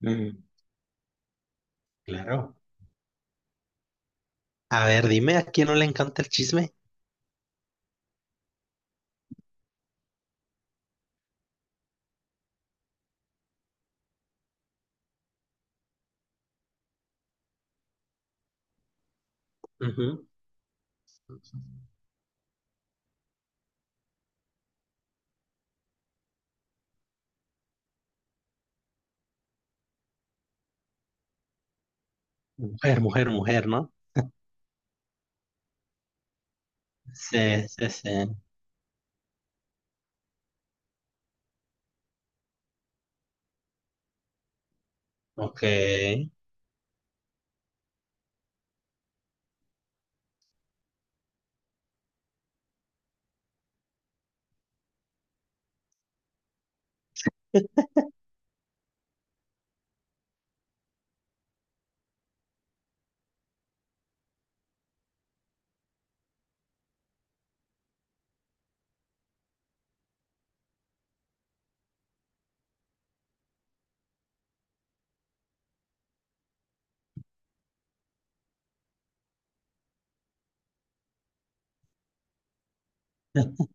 Mm, claro. A ver, dime, ¿a quién no le encanta el chisme? Ujú. Mujer, mujer, mujer, ¿no? Sí, sí, sí. Ok,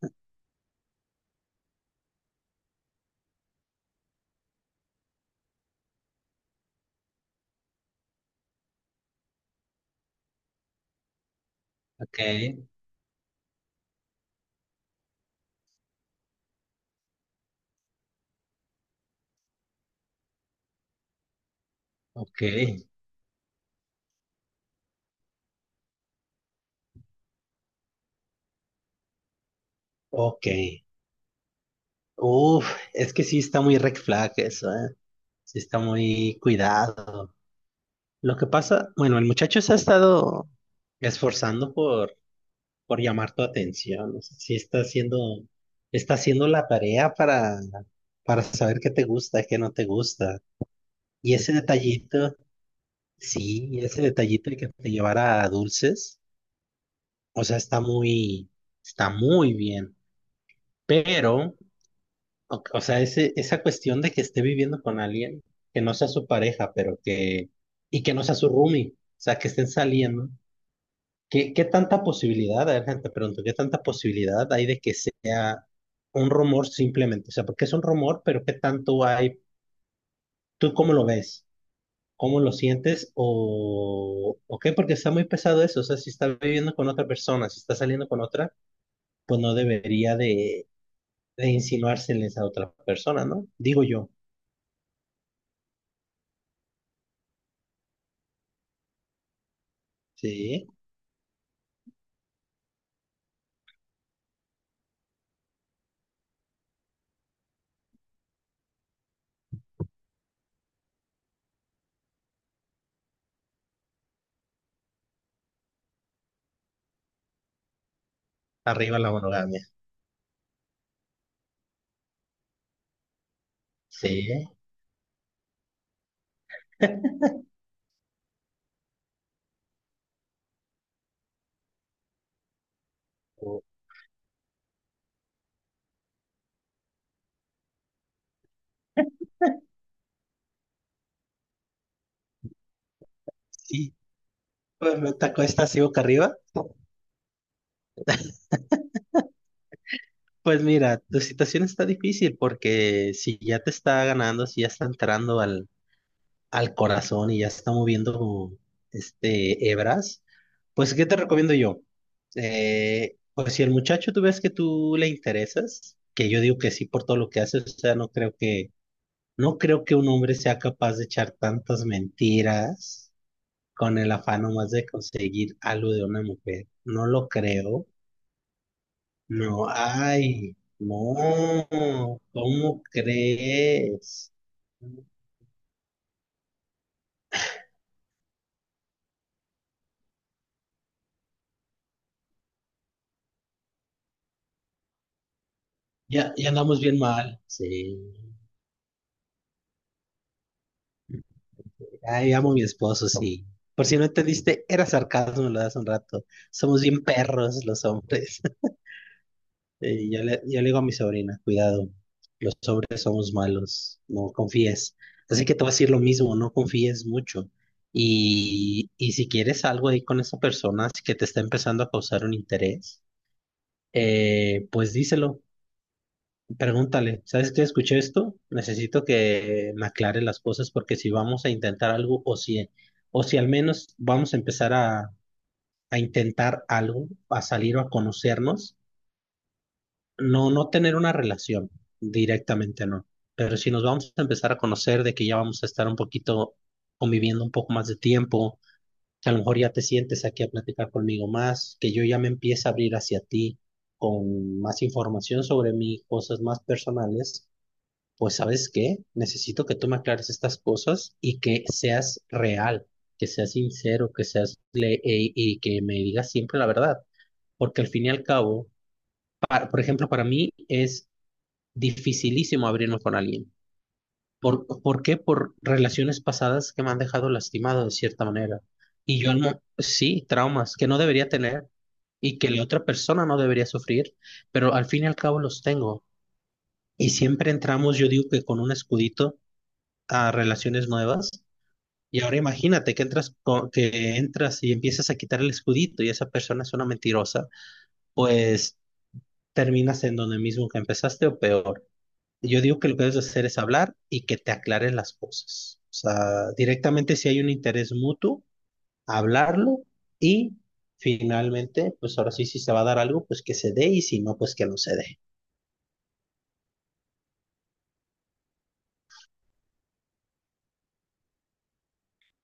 ok, ok, ok. Uf, es que sí está muy red flag eso, ¿eh? Sí está muy cuidado. Lo que pasa, bueno, el muchacho se ha estado esforzando por llamar tu atención. O sea, sí está está haciendo la tarea para saber qué te gusta, qué no te gusta. Y ese detallito, sí, ese detallito de que te llevara a dulces, o sea, está muy bien. Pero, o sea, esa cuestión de que esté viviendo con alguien que no sea su pareja, y que no sea su roomie, o sea, que estén saliendo. Qué tanta posibilidad, a ver, gente, pregunto, qué tanta posibilidad hay de que sea un rumor simplemente? O sea, porque es un rumor, pero qué tanto hay, ¿tú cómo lo ves? ¿Cómo lo sientes? O qué? Porque está muy pesado eso, o sea, si está viviendo con otra persona, si está saliendo con otra, pues no debería de insinuárseles a otra persona, ¿no? Digo yo, sí, arriba la monogamia, sí, o- sí, pues me tacó esta así boca arriba. Pues mira, tu situación está difícil porque si ya te está ganando, si ya está entrando al corazón y ya está moviendo este hebras, pues ¿qué te recomiendo yo? Pues si el muchacho tú ves que tú le interesas, que yo digo que sí por todo lo que hace, o sea, no creo que un hombre sea capaz de echar tantas mentiras con el afán nomás de conseguir algo de una mujer. No lo creo. No, ay, no, ¿cómo crees? Ya, ya andamos bien mal. Sí. Ay, amo a mi esposo, sí. Por si no entendiste, era sarcasmo lo de hace un rato. Somos bien perros los hombres. Y yo le digo a mi sobrina, cuidado, los hombres somos malos, no confíes. Así que te voy a decir lo mismo, no confíes mucho. Y si quieres algo ahí con esa persona si que te está empezando a causar un interés, pues díselo. Pregúntale, ¿sabes qué? Escuché esto, necesito que me aclare las cosas porque si vamos a intentar algo o si al menos vamos a empezar a intentar algo, a salir o a conocernos, no tener una relación directamente, no. Pero si nos vamos a empezar a conocer de que ya vamos a estar un poquito conviviendo un poco más de tiempo, que a lo mejor ya te sientes aquí a platicar conmigo más, que yo ya me empiece a abrir hacia ti con más información sobre mí, cosas más personales, pues ¿sabes qué? Necesito que tú me aclares estas cosas y que seas real, que seas sincero, y que me digas siempre la verdad, porque al fin y al cabo, por ejemplo, para mí es dificilísimo abrirme con alguien. Por qué? Por relaciones pasadas que me han dejado lastimado de cierta manera. Y yo no, sí, traumas que no debería tener y que la otra persona no debería sufrir, pero al fin y al cabo los tengo. Y siempre entramos, yo digo que con un escudito a relaciones nuevas. Y ahora imagínate que entras, que entras y empiezas a quitar el escudito y esa persona es una mentirosa, pues terminas en donde mismo que empezaste o peor. Yo digo que lo que debes hacer es hablar y que te aclares las cosas. O sea, directamente si hay un interés mutuo, hablarlo y finalmente, pues ahora sí, si se va a dar algo, pues que se dé y si no, pues que no se dé.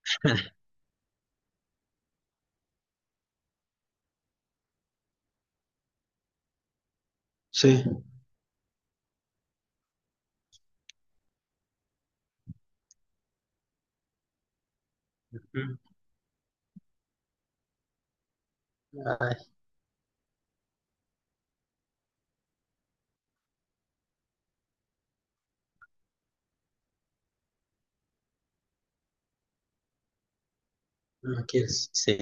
Sí. Mm. Ay, no quieres. Sí.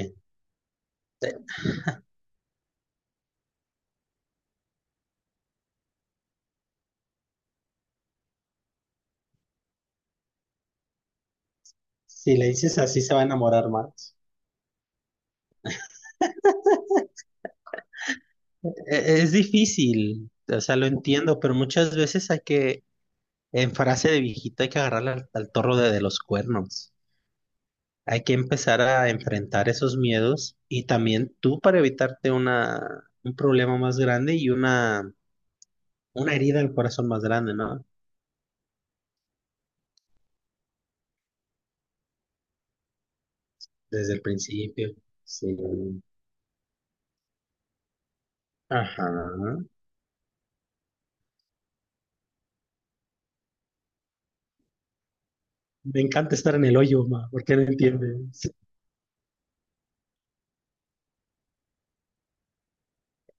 Sí. Si le dices así, se va a enamorar más. Es difícil, o sea, lo entiendo, pero muchas veces hay que, en frase de viejita, hay que agarrar al toro de los cuernos. Hay que empezar a enfrentar esos miedos y también tú para evitarte un problema más grande y una herida al corazón más grande, ¿no? Desde el principio. Sí. Ajá. Me encanta estar en el hoyo, ma, porque no entiendes.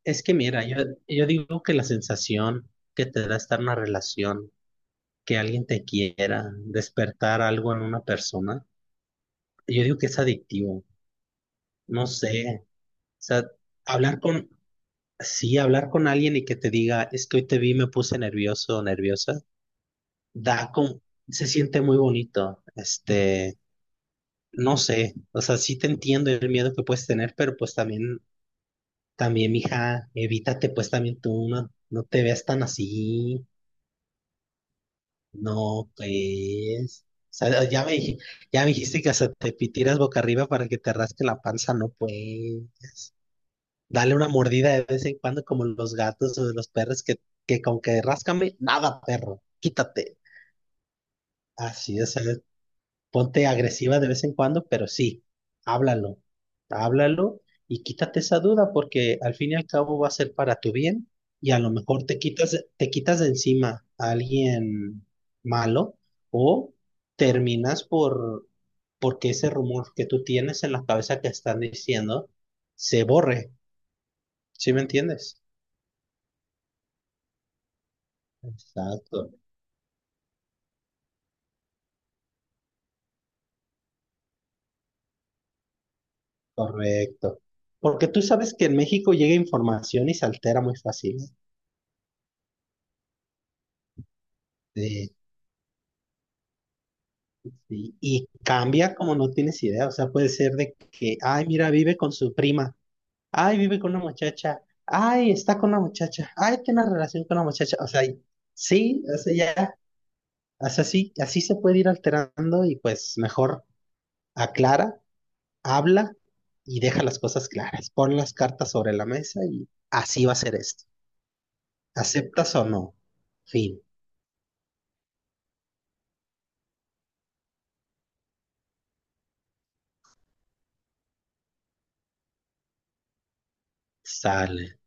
Es que mira, yo digo que la sensación que te da estar en una relación que alguien te quiera, despertar algo en una persona, yo digo que es adictivo, no sé, o sea, hablar con, sí, hablar con alguien y que te diga, es que hoy te vi, me puse nervioso o nerviosa, da con, se siente muy bonito, este, no sé, o sea, sí te entiendo el miedo que puedes tener, pero pues también, también, mija, evítate pues también tú, no te veas tan así. No, pues. O sea, ya me dijiste que hasta te pitieras boca arriba para que te rasque la panza, no pues. Dale una mordida de vez en cuando, como los gatos o los perros que con que ráscame, nada, perro, quítate. Así es. Ponte agresiva de vez en cuando, pero sí, háblalo, háblalo y quítate esa duda porque al fin y al cabo va a ser para tu bien y a lo mejor te quitas de encima a alguien malo o terminas porque ese rumor que tú tienes en la cabeza que están diciendo se borre, ¿sí me entiendes? Exacto, correcto. Porque tú sabes que en México llega información y se altera muy fácil. Y cambia como no tienes idea, o sea, puede ser de que, ay, mira, vive con su prima, ay, vive con una muchacha, ay, está con una muchacha, ay, tiene una relación con una muchacha, o sea, sí, o sea, ya, o sea, sí, así se puede ir alterando y pues mejor aclara, habla y deja las cosas claras, pon las cartas sobre la mesa y así va a ser esto, aceptas o no, fin, sale,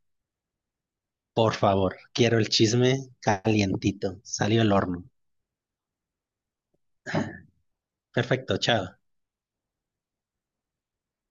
por favor, quiero el chisme calientito, salió el horno, perfecto, chao.